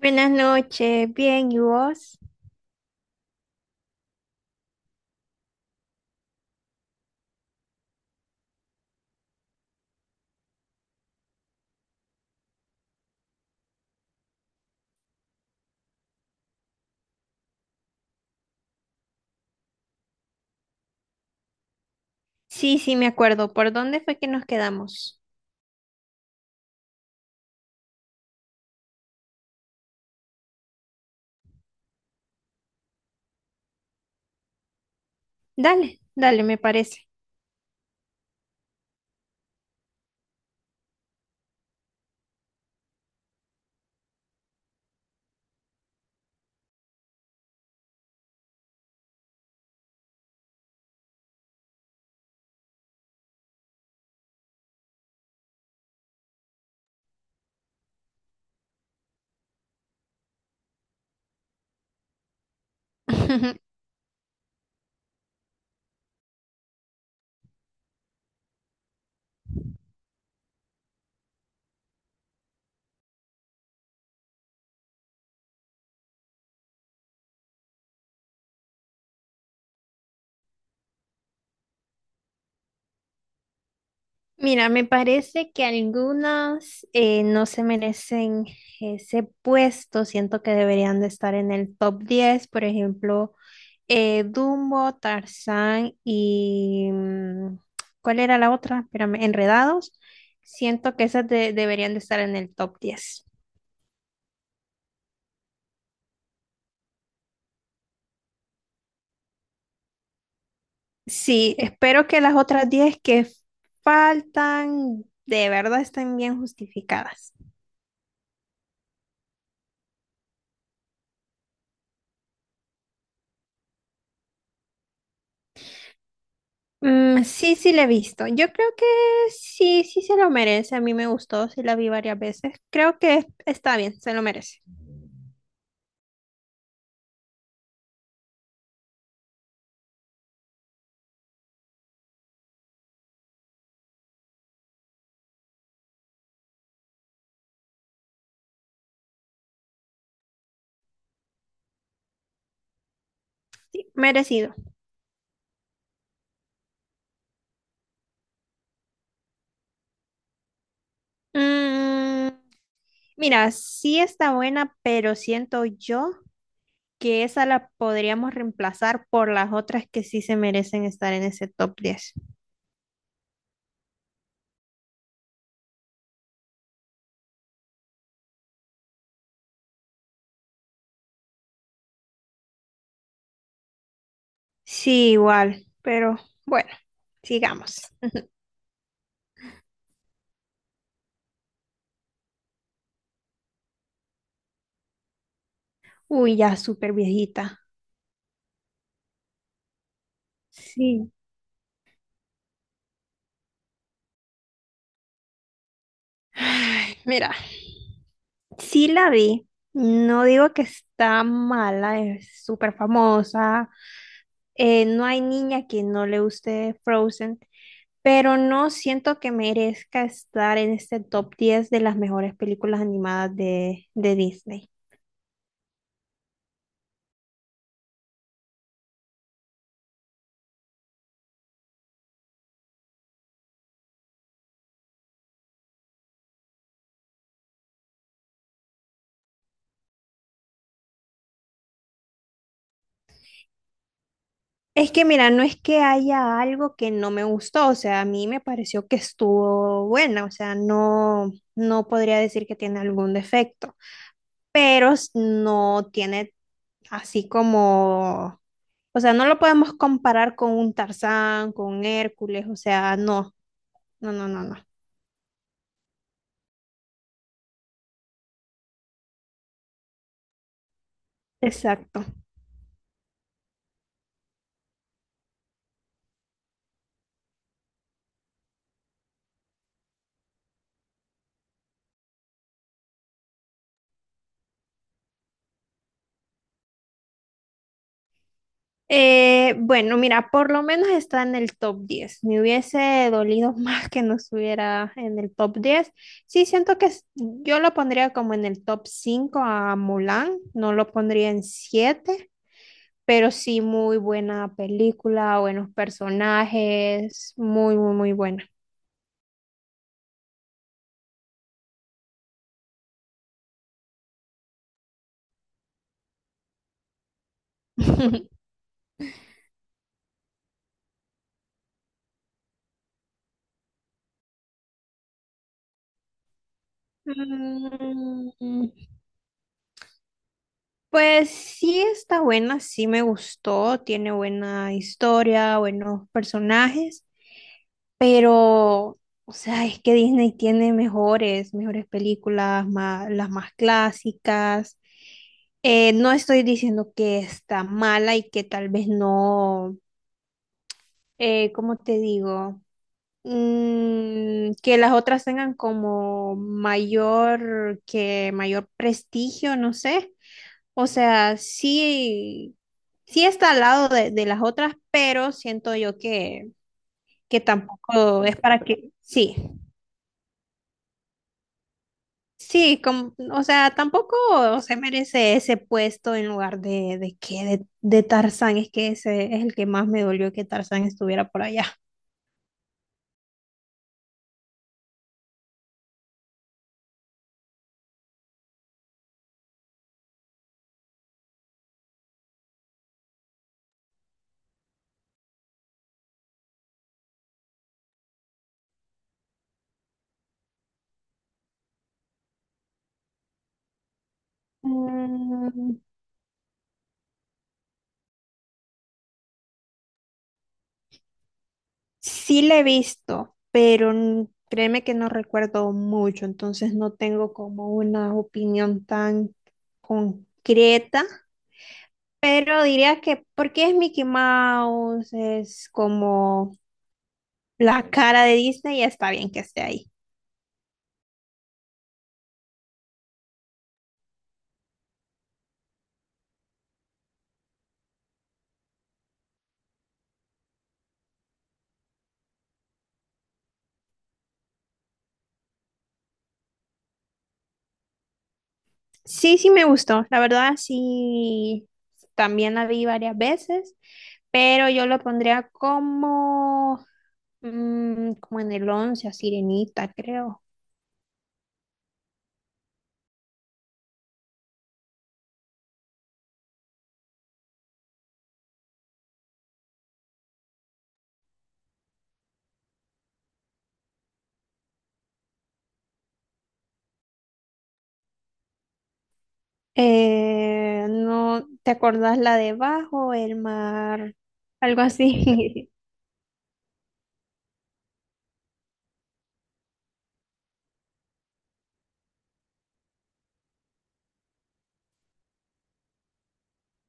Buenas noches, bien, ¿y vos? Sí, sí, me acuerdo. ¿Por dónde fue que nos quedamos? Dale, dale, me parece. Mira, me parece que algunas no se merecen ese puesto. Siento que deberían de estar en el top 10. Por ejemplo, Dumbo, Tarzán ¿cuál era la otra? Espérame, Enredados. Siento que esas deberían de estar en el top 10. Sí, espero que las otras 10 que faltan de verdad estén bien justificadas. Mm, sí, sí, la he visto. Yo creo que sí, sí se lo merece. A mí me gustó, sí la vi varias veces. Creo que está bien, se lo merece. Merecido. Mm, Mira, sí está buena, pero siento yo que esa la podríamos reemplazar por las otras que sí se merecen estar en ese top 10. Sí, igual, pero bueno, sigamos. Uy, ya súper viejita. Sí. Ay, mira, sí la vi. No digo que está mala, es súper famosa. No hay niña que no le guste Frozen, pero no siento que merezca estar en este top 10 de las mejores películas animadas de, Disney. Es que mira, no es que haya algo que no me gustó, o sea, a mí me pareció que estuvo buena, o sea, no, no podría decir que tiene algún defecto, pero no tiene así como, o sea, no lo podemos comparar con un Tarzán, con un Hércules, o sea, no, no, no, no, no. Exacto. Bueno, mira, por lo menos está en el top 10. Me hubiese dolido más que no estuviera en el top 10. Sí, siento que yo lo pondría como en el top 5 a Mulan, no lo pondría en 7, pero sí muy buena película, buenos personajes, muy, muy, muy buena. Mm, Pues sí está buena, sí me gustó, tiene buena historia, buenos personajes, pero, o sea, es que Disney tiene mejores, mejores películas, las más clásicas. No estoy diciendo que está mala y que tal vez no, ¿cómo te digo? Que las otras tengan como mayor, que mayor prestigio, no sé. O sea, sí, sí está al lado de las otras, pero siento yo que tampoco es para que, sí, sí, como, o sea, tampoco se merece ese puesto en lugar de que de Tarzán, es que ese es el que más me dolió que Tarzán estuviera por allá. Mm, sí la he visto, pero créeme que no recuerdo mucho, entonces no tengo como una opinión tan concreta, pero diría que porque es Mickey Mouse, es como la cara de Disney y está bien que esté ahí. Sí, sí me gustó, la verdad sí, también la vi varias veces, pero yo lo pondría como, como en el 11 a Sirenita, creo. No, ¿te acordás la de bajo el mar? Algo así.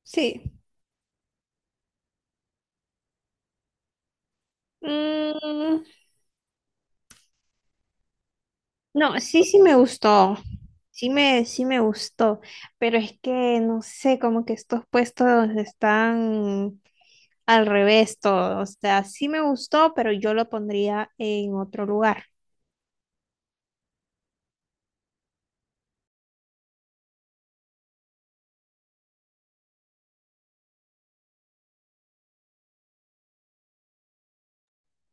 Sí. Mm, no, sí, sí me gustó. Sí me gustó. Pero es que, no sé, como que estos puestos están al revés todo. O sea, sí me gustó, pero yo lo pondría en otro lugar.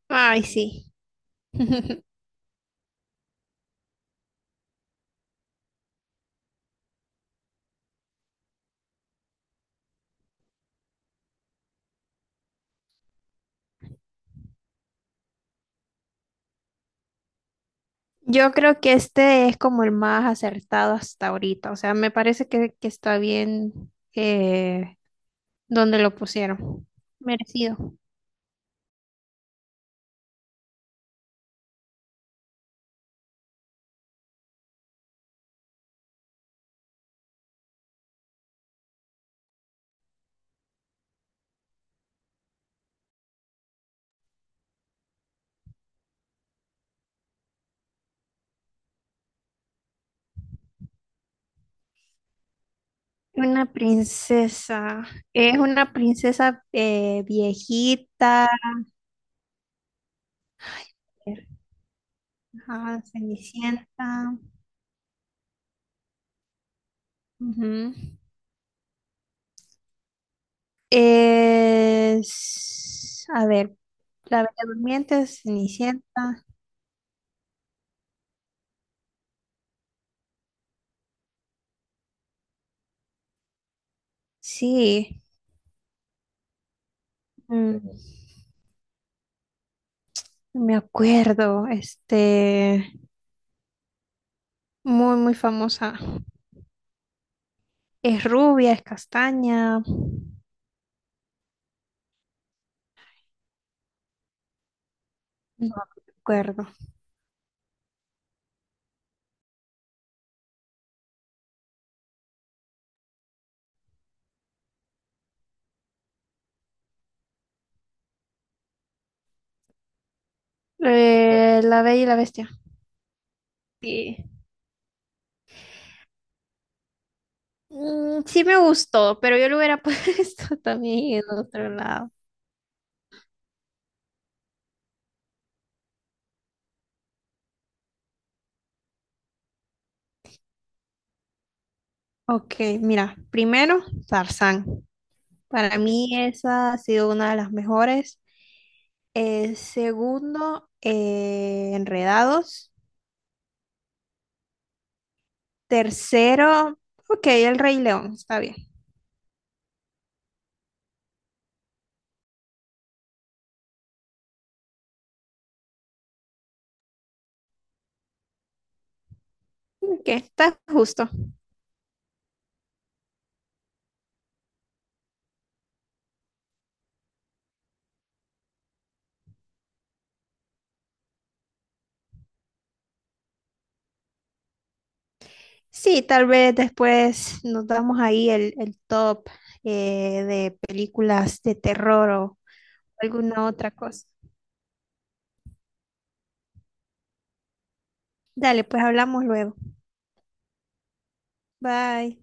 Ay, sí. Yo creo que este es como el más acertado hasta ahorita. O sea, me parece que está bien donde lo pusieron. Merecido. Una princesa. Es una princesa viejita, ajá, Cenicienta. Ujú. Es, a ver, la Bella Durmiente, Cenicienta. Sí, mm, me acuerdo. Este, muy, muy famosa. Es rubia, es castaña. No recuerdo. La Bella y la Bestia. Sí. Mm, sí me gustó, pero yo lo hubiera puesto también en otro lado. Ok, mira, primero, Tarzán. Para mí esa ha sido una de las mejores. Segundo, Enredados. Tercero, ok, El Rey León, está bien. Ok, está justo. Sí, tal vez después nos damos ahí el top de películas de terror o alguna otra cosa. Dale, pues hablamos luego. Bye.